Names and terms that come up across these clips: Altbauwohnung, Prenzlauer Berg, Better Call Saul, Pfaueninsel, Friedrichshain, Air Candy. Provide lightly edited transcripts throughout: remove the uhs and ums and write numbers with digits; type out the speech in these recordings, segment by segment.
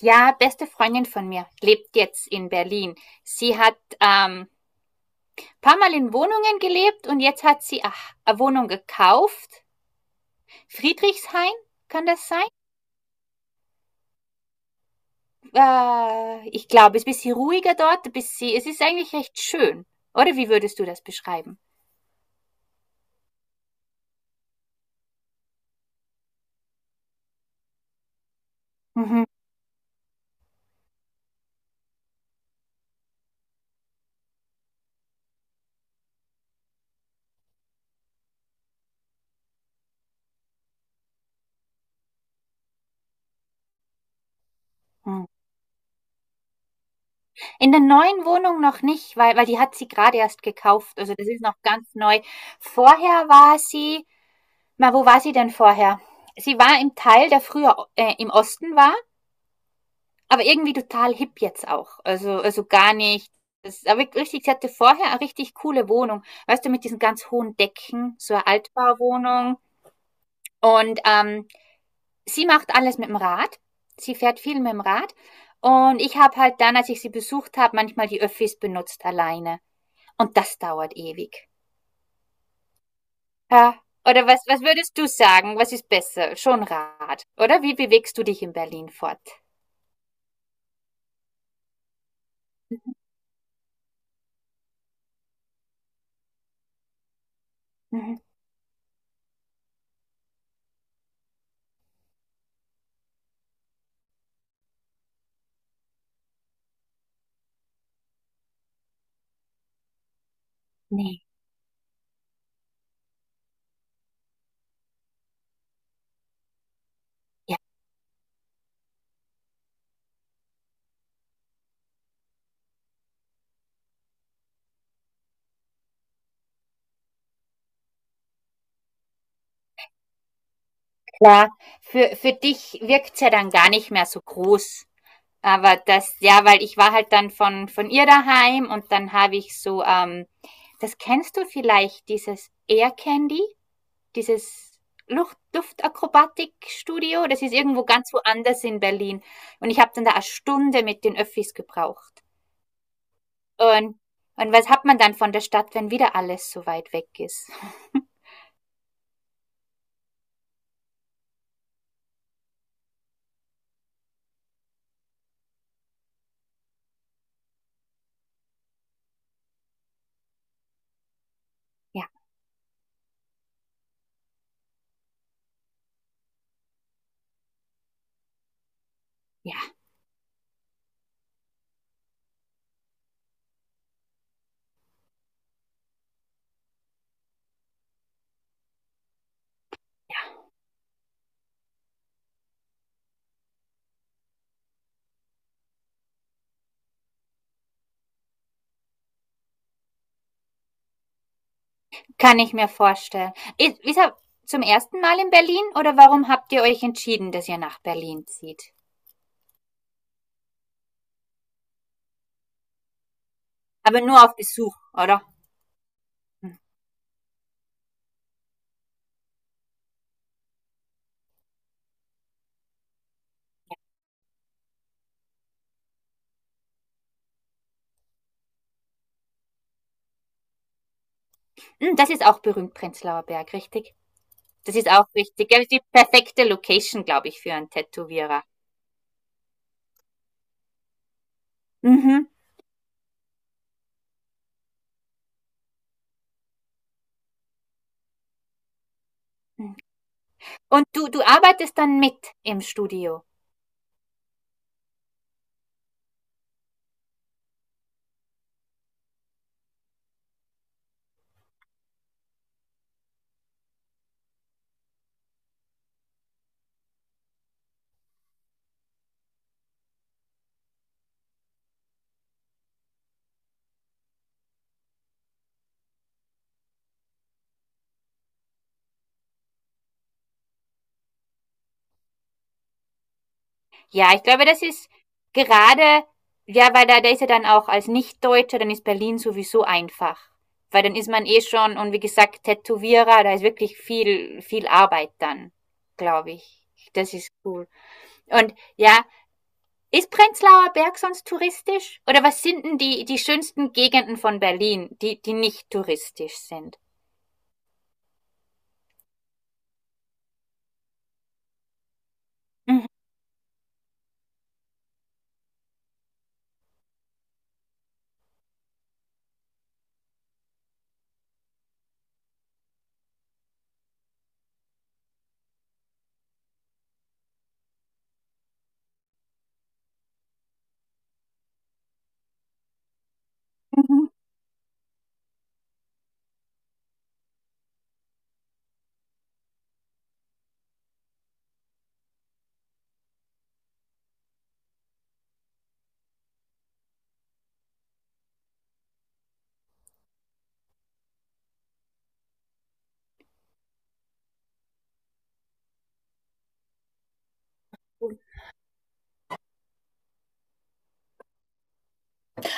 Ja, beste Freundin von mir lebt jetzt in Berlin. Sie hat paar Mal in Wohnungen gelebt und jetzt hat sie ach, eine Wohnung gekauft. Friedrichshain, kann das sein? Ich glaube, es ist ein bisschen ruhiger dort. Bis sie, es ist eigentlich recht schön. Oder wie würdest du das beschreiben? Mhm. Mhm. In der neuen Wohnung noch nicht, weil die hat sie gerade erst gekauft. Also das ist noch ganz neu. Vorher war sie, na, wo war sie denn vorher? Sie war im Teil, der früher im Osten war. Aber irgendwie total hip jetzt auch. Also gar nicht. Das aber richtig, sie hatte vorher eine richtig coole Wohnung. Weißt du, mit diesen ganz hohen Decken, so eine Altbauwohnung. Und sie macht alles mit dem Rad. Sie fährt viel mit dem Rad. Und ich habe halt dann, als ich sie besucht habe, manchmal die Öffis benutzt alleine. Und das dauert ewig. Ja. Oder was würdest du sagen? Was ist besser? Schon Rad. Oder wie bewegst du dich in Berlin fort? Mhm. Nee. Klar, für dich wirkt's ja dann gar nicht mehr so groß. Aber das, ja, weil ich war halt dann von ihr daheim und dann habe ich so, das kennst du vielleicht, dieses Air Candy, dieses Luftakrobatikstudio, das ist irgendwo ganz woanders in Berlin. Und ich habe dann da eine Stunde mit den Öffis gebraucht. Und, und was hat man dann von der Stadt, wenn wieder alles so weit weg ist? Ja, ja. Kann ich mir vorstellen. Ist er zum ersten Mal in Berlin oder warum habt ihr euch entschieden, dass ihr nach Berlin zieht? Aber nur auf Besuch, oder? Hm. Hm, das ist auch berühmt, Prenzlauer Berg, richtig? Das ist auch richtig. Das die perfekte Location, glaube ich, für einen Tätowierer. Mhm. Hm. Und du arbeitest dann mit im Studio? Ja, ich glaube, das ist gerade, ja, weil da ist ja dann auch als Nichtdeutscher, dann ist Berlin sowieso einfach. Weil dann ist man eh schon, und wie gesagt, Tätowierer, da ist wirklich viel Arbeit dann, glaube ich. Das ist cool. Und ja, ist Prenzlauer Berg sonst touristisch? Oder was sind denn die schönsten Gegenden von Berlin, die nicht touristisch sind? Mhm.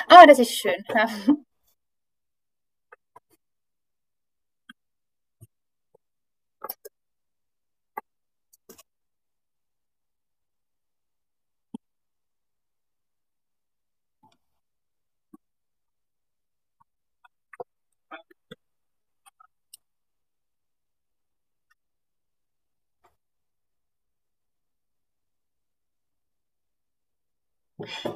Oh, das ist schön. Ja.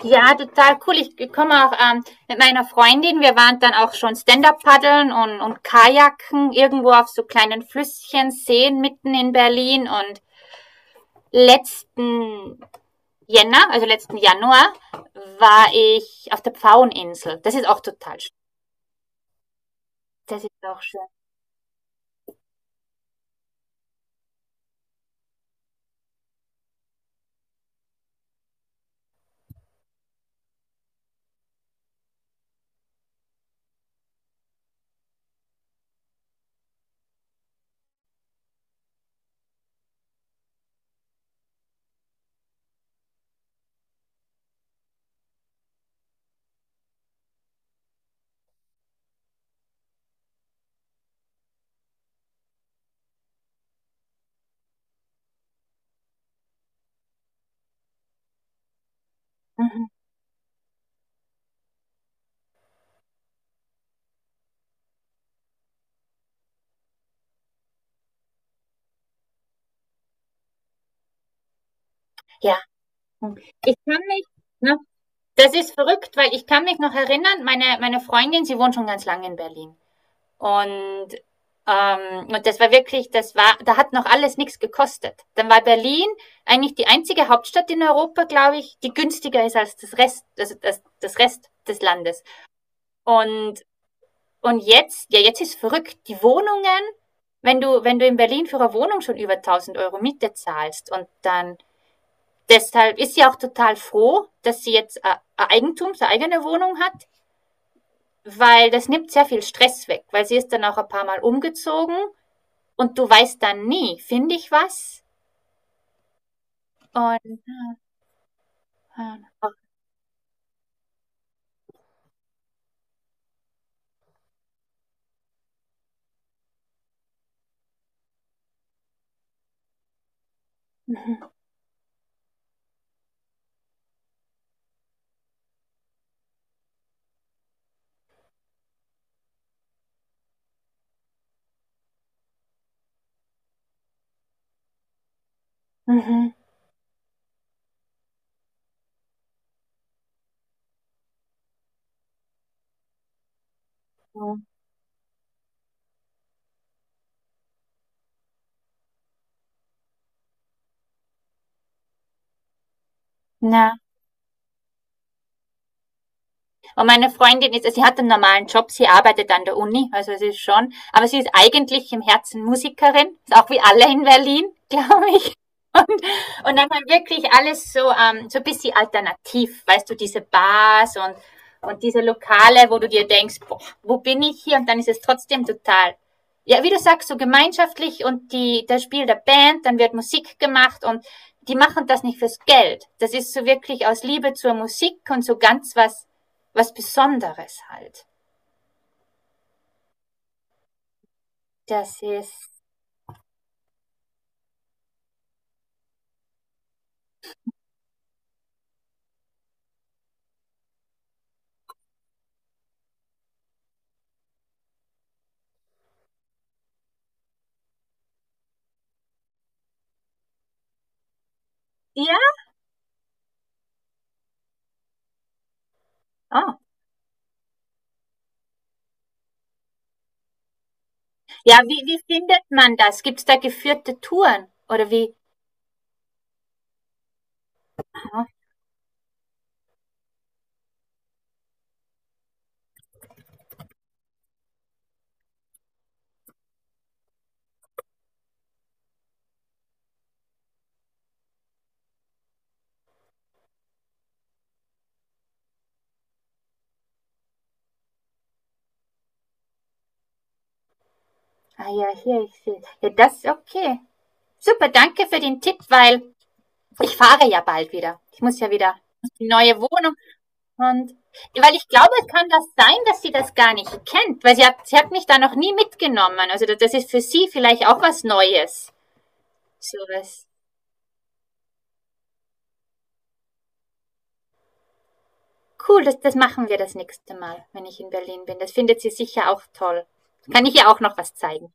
Ja, total cool. Ich komme auch mit meiner Freundin. Wir waren dann auch schon Stand-up-Paddeln und Kajaken irgendwo auf so kleinen Flüsschen, Seen mitten in Berlin. Und letzten Jänner, also letzten Januar, war ich auf der Pfaueninsel. Das ist auch total schön. Das ist auch schön. Mhm. Ja. Ich kann mich, ne, das ist verrückt, weil ich kann mich noch erinnern, meine Freundin, sie wohnt schon ganz lange in Berlin. Und, und das war wirklich, das war, da hat noch alles nichts gekostet. Dann war Berlin eigentlich die einzige Hauptstadt in Europa, glaube ich, die günstiger ist als das Rest, also das Rest des Landes. Und, und jetzt, ja, jetzt ist verrückt. Die Wohnungen, wenn wenn du in Berlin für eine Wohnung schon über 1.000 Euro Miete zahlst und dann, deshalb ist sie auch total froh, dass sie jetzt ein Eigentum, eine eigene Wohnung hat, weil das nimmt sehr viel Stress weg, weil sie ist dann auch ein paar Mal umgezogen. Und du weißt dann nie, finde ich was? Und, mhm, mhm, mhm. Und meine Freundin ist, sie hat einen normalen Job, sie arbeitet an der Uni, also sie ist schon, aber sie ist eigentlich im Herzen Musikerin, ist auch wie alle in Berlin, glaube ich. Und dann war wirklich alles so, so ein bisschen alternativ, weißt du, diese Bars und diese Lokale, wo du dir denkst, boah, wo bin ich hier? Und dann ist es trotzdem total, ja, wie du sagst, so gemeinschaftlich und die, das Spiel der Band, dann wird Musik gemacht und die machen das nicht fürs Geld. Das ist so wirklich aus Liebe zur Musik und so ganz was, was Besonderes halt. Das ist, ja, oh. Ja, wie, wie findet man das? Gibt es da geführte Touren? Oder wie, ah ja, hier, ich sehe. Ja, das ist okay. Super, danke für den Tipp, weil ich fahre ja bald wieder. Ich muss ja wieder in die neue Wohnung und weil ich glaube, es kann das sein, dass sie das gar nicht kennt, weil sie hat mich da noch nie mitgenommen. Also das ist für sie vielleicht auch was Neues. So was cool, das machen wir das nächste Mal, wenn ich in Berlin bin. Das findet sie sicher auch toll. Kann ich ihr auch noch was zeigen.